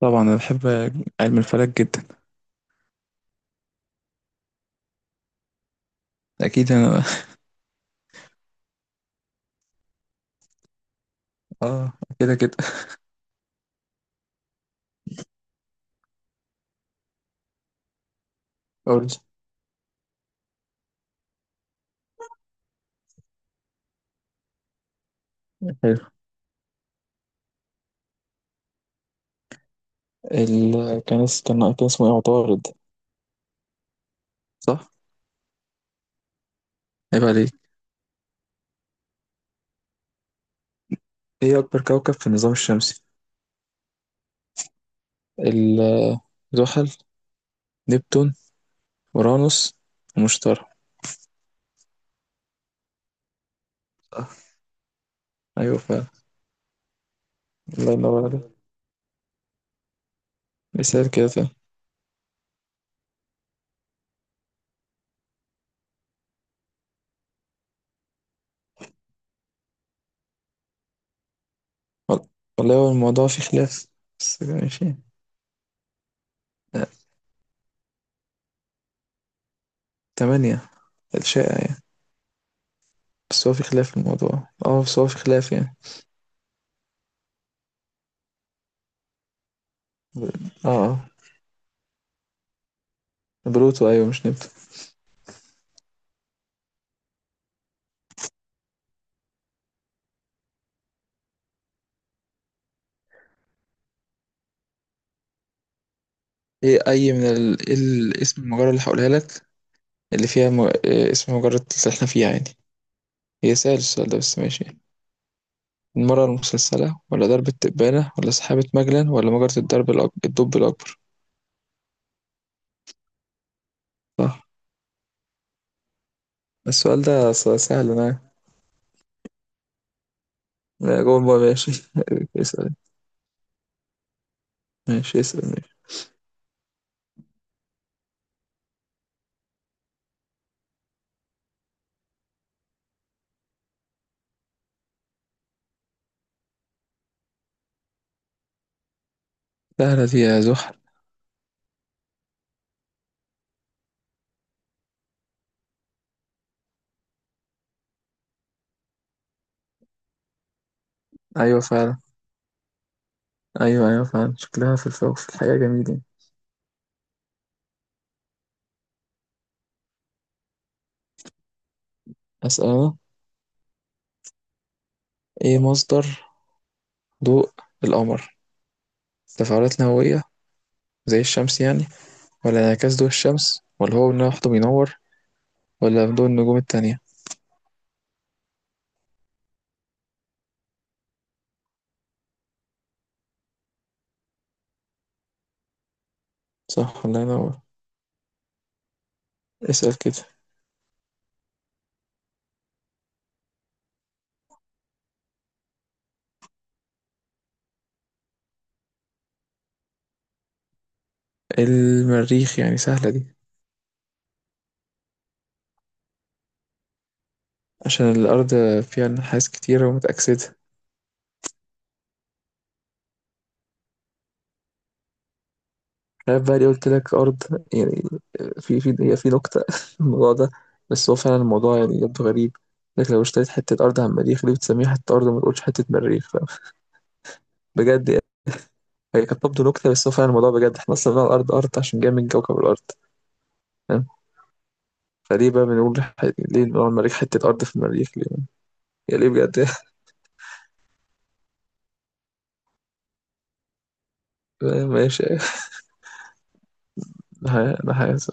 طبعا انا بحب علم الفلك جدا. اكيد انا. اه. كده كده. قول حلو. كان اسمه ايه؟ عطارد. صح. عيب عليك. ايه اكبر كوكب في النظام الشمسي؟ ال- زحل، نبتون، اورانوس، ومشتري. آه، ايوه فعلا. الله ينور عليك. مثال كده فعلا. وال- والله هو الموضوع فيه خلاف، بس ماشي. آه، تمانية الشائع يعني. بس هو في خلاف في الموضوع. اه بس هو في خلاف يعني. اه اه. بلوتو ايوه، مش نبتون. ايه اي من إيه اسم المجرة اللي هقولها لك، اللي فيها إيه اسم المجرة اللي احنا فيها يعني. هي سهل السؤال ده، بس ماشي. المرة المسلسلة، ولا درب التبانة، ولا سحابة مجلن، ولا مجرة الدب الأكبر؟ صح. السؤال ده سهل أنا. أنا جوه الماء ماشي. اسأل ماشي، اسأل ماشي. سهلة دي، يا زحل. أيوة فعلا. أيوة أيوة فعلا، شكلها في الفوق في الحقيقة جميل يعني. أسأل أنا. إيه مصدر ضوء القمر؟ تفاعلات نووية زي الشمس يعني، ولا انعكاس ضوء الشمس، ولا هو ان لوحده بينور، ولا ضوء النجوم التانية؟ صح، الله ينور. اسأل كده. إيه، المريخ يعني سهلة دي. عشان الأرض فيها نحاس كتير ومتأكسدة. عارف بقى اللي قلت لك أرض يعني، في نكتة في الموضوع ده، بس هو فعلا الموضوع يعني يبدو غريب. لك لو اشتريت حتة أرض على المريخ، ليه بتسميها حتة أرض وما تقولش حتة مريخ؟ فاهم؟ بجد يعني. هي كانت تبدو نكتة، بس هو فعلا الموضوع بجد، احنا أصلا بنقول الأرض أرض عشان جاية من كوكب الأرض، فاهم؟ فليه بقى بنقول ليه بنقول على المريخ حتة أرض في المريخ؟ يا ليه بجد. ماشي. انا عايز.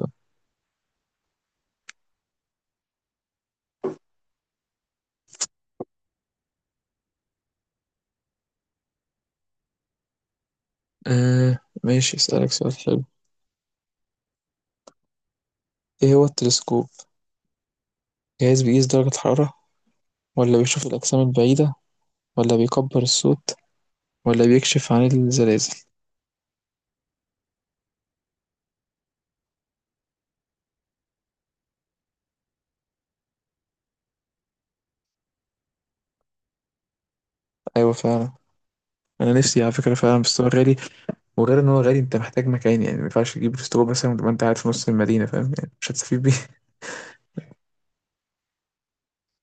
آه ماشي، اسألك سؤال حلو. ايه هو التلسكوب؟ جهاز بيقيس درجة الحرارة، ولا بيشوف الأجسام البعيدة، ولا بيكبر الصوت، ولا بيكشف عن الزلازل؟ أيوة فعلا. أنا نفسي على فكرة فعلا، بس هو غالي. وغير إن هو غالي، أنت محتاج مكان يعني. ما ينفعش تجيب تلسكوب مثلا وتبقى أنت قاعد في نص المدينة، فاهم يعني؟ مش هتستفيد بيه.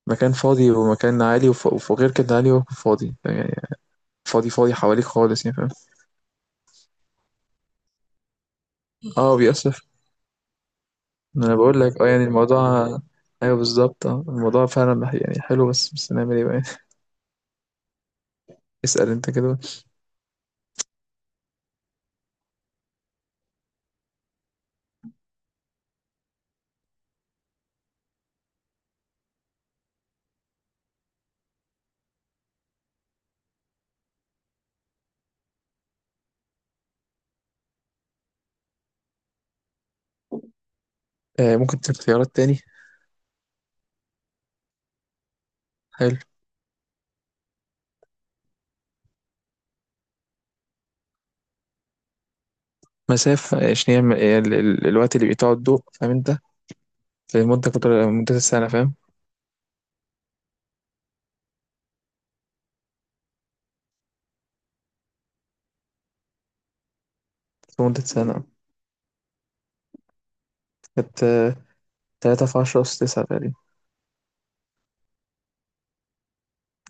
مكان فاضي ومكان عالي، وغير كده عالي وفاضي يعني. فاضي فاضي حواليك خالص يعني، فاهم؟ اه بيأثر. ما انا بقول لك اه يعني الموضوع. ايوه بالظبط، اه الموضوع فعلا يعني حلو، بس نعمل ايه بقى. اسأل انت كده. آه ممكن تديك خيارات تاني. حلو، مسافة، عشان هي هي الوقت اللي بيقطعه الضوء، فاهم انت؟ في مدة قطر مدة السنة، فاهم؟ في مدة سنة. كانت تلاتة في عشرة أس تسعة تقريبا.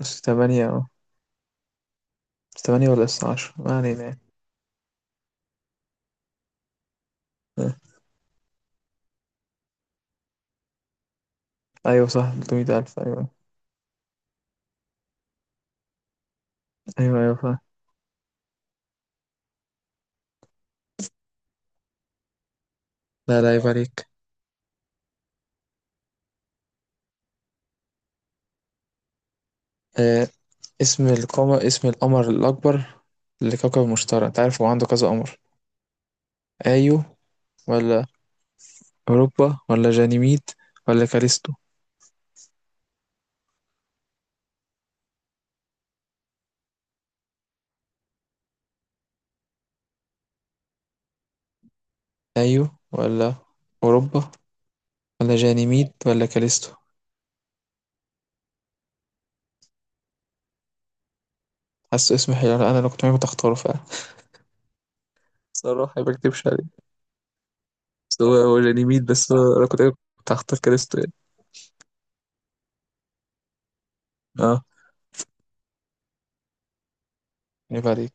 أس تمانية اه. أس تمانية ولا أس عشرة، ما علينا يعني. آه. أيوة صح، تلتمية ألف، أيوة. أيوة أيوة فاهم. لا لا، عيب عليك. آه، اسم القمر، اسم القمر الأكبر لكوكب المشتري. أنت عارف هو عنده كذا قمر. ايو ولا اوروبا، ولا جانيميد، ولا كاليستو؟ ايو ولا اوروبا، ولا جانيميد، ولا كاليستو؟ حاسه اسم حلو، انا لو كنت معاك كنت هختاره فعلا. صراحة ما بكتبش عليه، بس هو جانيميد، بس هو انا كنت كنت هختار كاليستو يعني. اه يبقى عليك.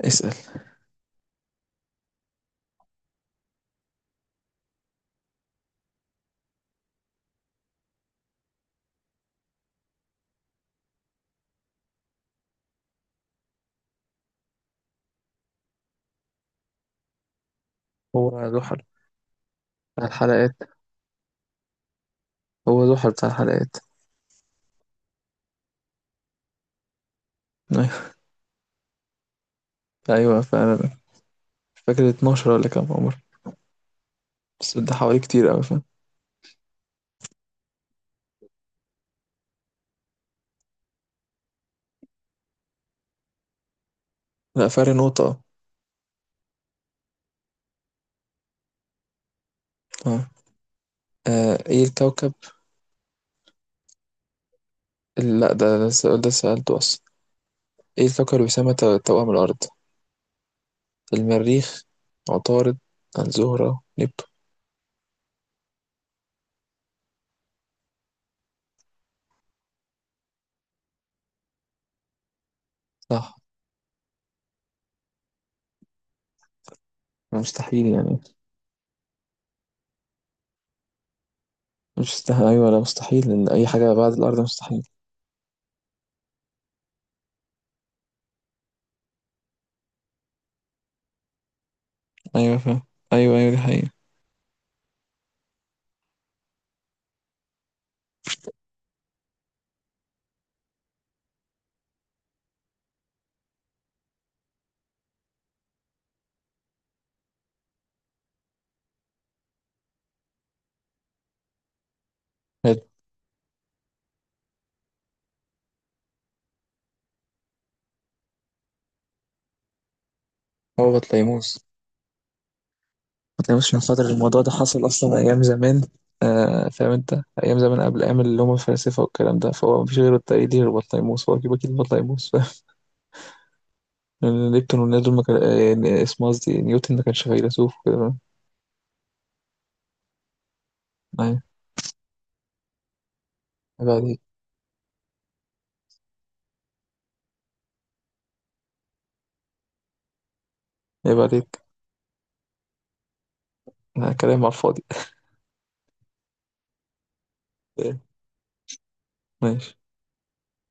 اسأل. هو ذو حل بتاع الحلقات. هو ذو حل بتاع الحلقات. ايوه. أيوة فعلا. مش فاكر 12 ولا كام عمر، بس ده حوالي كتير اوي، فاهم؟ لا فرق نقطة. اه آه، ايه الكوكب لا ده ده السؤال ده سألته اصلا. إيه الكوكب اللي بيسمى توأم الأرض؟ المريخ، عطارد، الزهرة، نبتون؟ صح، مستحيل يعني. مش مستحيل، أيوة، لا مستحيل، لأن أي حاجة بعد الأرض مستحيل. أيوة فاهم. أيوة أيوة دي حقيقة. حلو. هو بطليموس. بطليموس عشان خاطر الموضوع ده حصل أصلا أيام زمان. آه فاهم أنت، أيام زمان قبل أيام اللي هم الفلاسفة والكلام ده، فهو مفيش غيره الطريق دي غير بطليموس، هو أكيد أكيد بطليموس. فاهم؟ لأن نبتون والناس دول ما كان، اسمه قصدي نيوتن، ما كانش فيلسوف وكده، فاهم؟ أيوة. عيب عليك. عيب عليك. لا، كلام على الفاضي. إيه، ماشي.